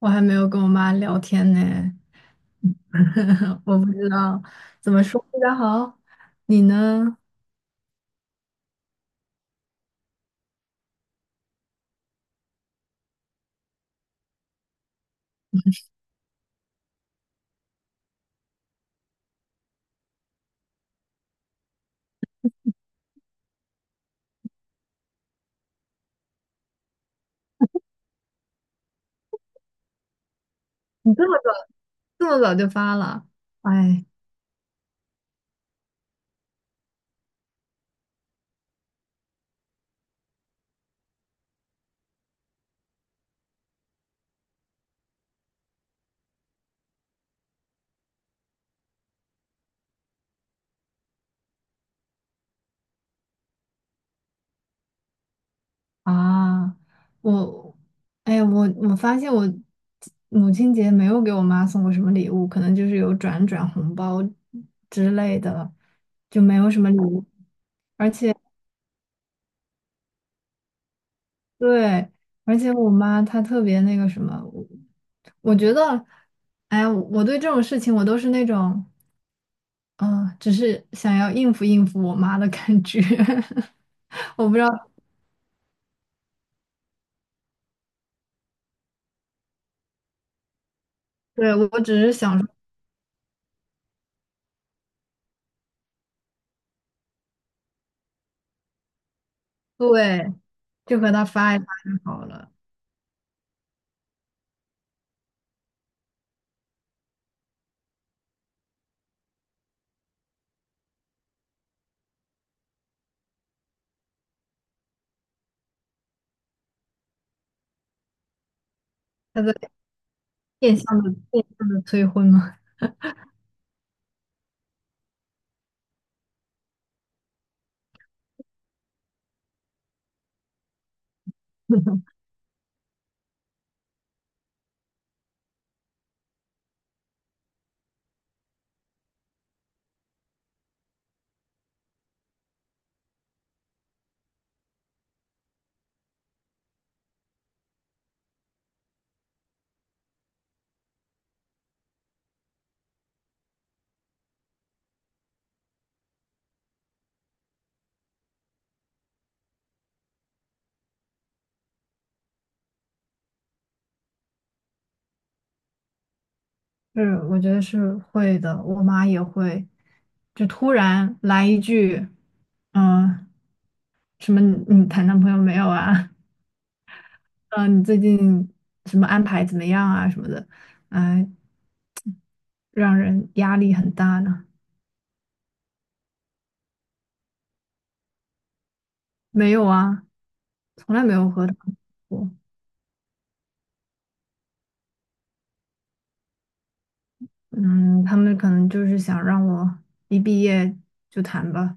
我还没有跟我妈聊天呢，我不知道怎么说比较好。你呢？你这么早就发了？哎啊，我哎，我发现我母亲节没有给我妈送过什么礼物，可能就是有转红包之类的，就没有什么礼物。而且对，而且我妈她特别那个什么，我觉得，哎呀，我对这种事情我都是那种。嗯，只是想要应付应付我妈的感觉，我不知道，对，我只是想说，对，就和她发一发就好了。她在变相的催婚吗？是，我觉得是会的，我妈也会，就突然来一句，嗯、什么你谈男朋友没有啊？嗯、你最近什么安排怎么样啊什么的，嗯，让人压力很大呢。没有啊，从来没有和他们过。嗯，他们可能就是想让我一毕业就谈吧。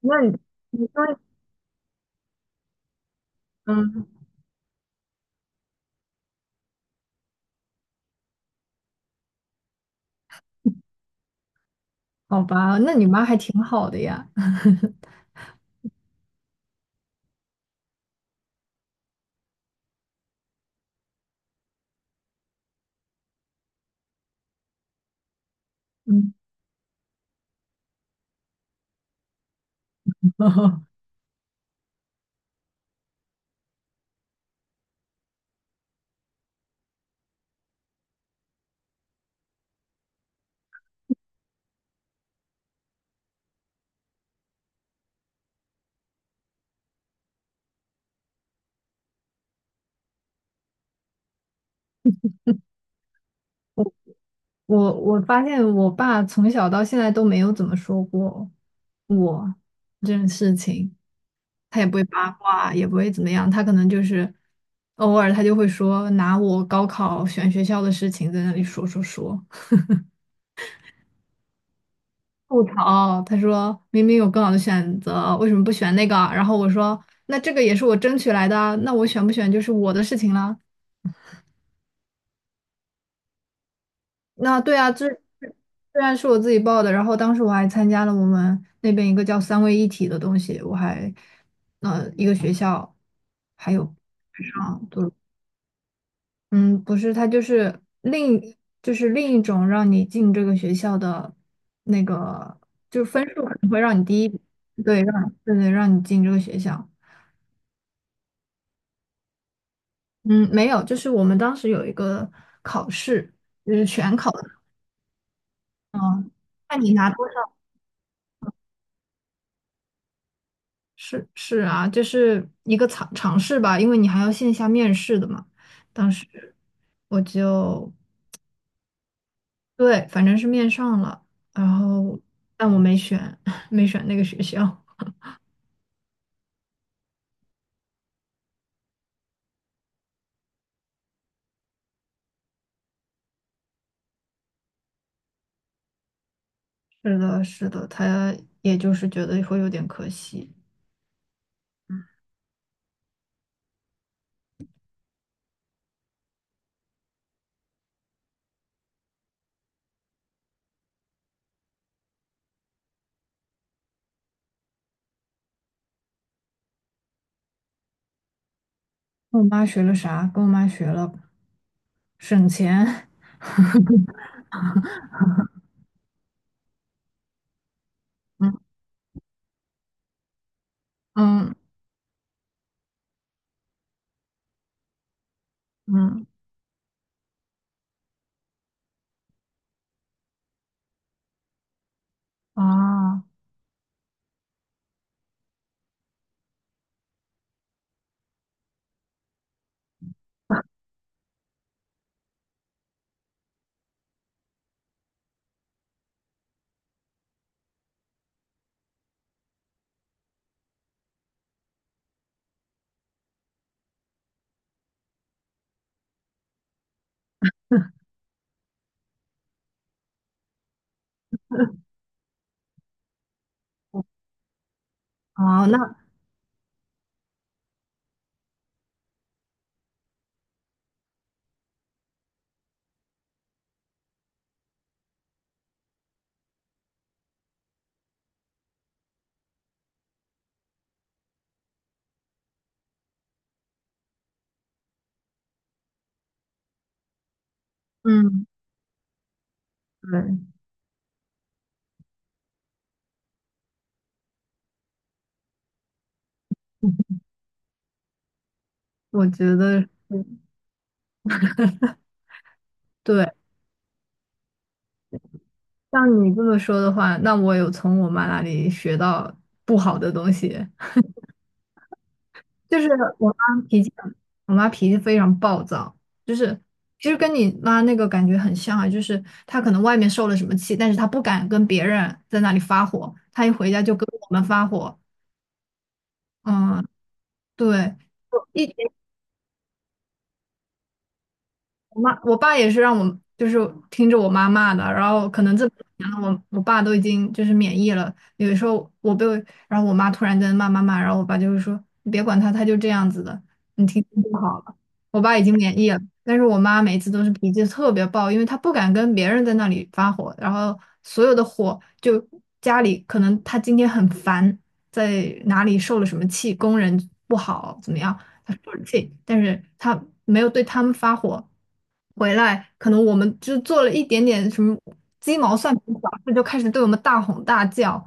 那你，你说，嗯，好吧，那你妈还挺好的呀。嗯，我发现我爸从小到现在都没有怎么说过我这件事情，他也不会八卦，也不会怎么样，他可能就是偶尔他就会说拿我高考选学校的事情在那里说，吐槽，他说明明有更好的选择，为什么不选那个啊？然后我说，那这个也是我争取来的啊，那我选不选就是我的事情了。那对啊，这虽然是我自己报的，然后当时我还参加了我们那边一个叫三位一体的东西，我还，一个学校还有上，对，嗯，不是，他就是另就是另一种让你进这个学校的那个，就是分数可能会让你低一点，对，让，让你进这个学校。嗯，没有，就是我们当时有一个考试，就是全考的，嗯，看你拿多少，是是啊，就是一个尝试吧，因为你还要线下面试的嘛。当时我就对，反正是面上了，然后但我没选，没选那个学校。是的，是的，他也就是觉得会有点可惜。跟我妈学了啥？跟我妈学了省钱。嗯嗯嗯啊。哦，那嗯，对，我觉得是对。像你这么说的话，那我有从我妈那里学到不好的东西，就是我妈脾气很，我妈脾气非常暴躁，就是其实跟你妈那个感觉很像啊，就是她可能外面受了什么气，但是她不敢跟别人在那里发火，她一回家就跟我们发火。嗯，对，一。我爸也是让我就是听着我妈骂的，然后可能这么多年了，我爸都已经就是免疫了。有的时候我被，然后我妈突然间骂，然后我爸就会说你别管他，他就这样子的，你听听就好了。我爸已经免疫了，但是我妈每次都是脾气特别暴，因为她不敢跟别人在那里发火，然后所有的火就家里可能她今天很烦，在哪里受了什么气，工人不好怎么样。他说了气，但是他没有对他们发火。回来，可能我们就做了一点点什么鸡毛蒜皮小事，就开始对我们大吼大叫。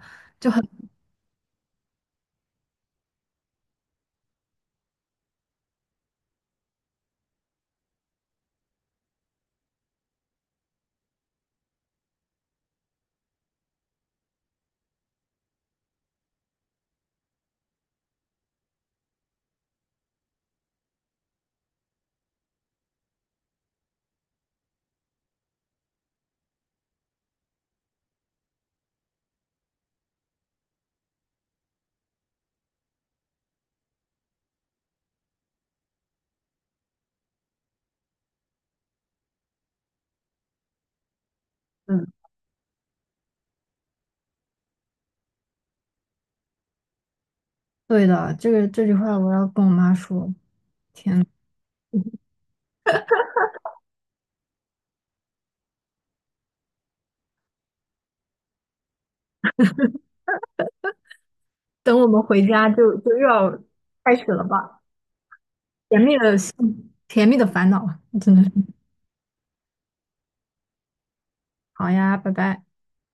嗯，对的，这句话我要跟我妈说。嗯，等我们回家就又要开始了吧，甜蜜的甜蜜的烦恼，真的是。好呀，拜拜。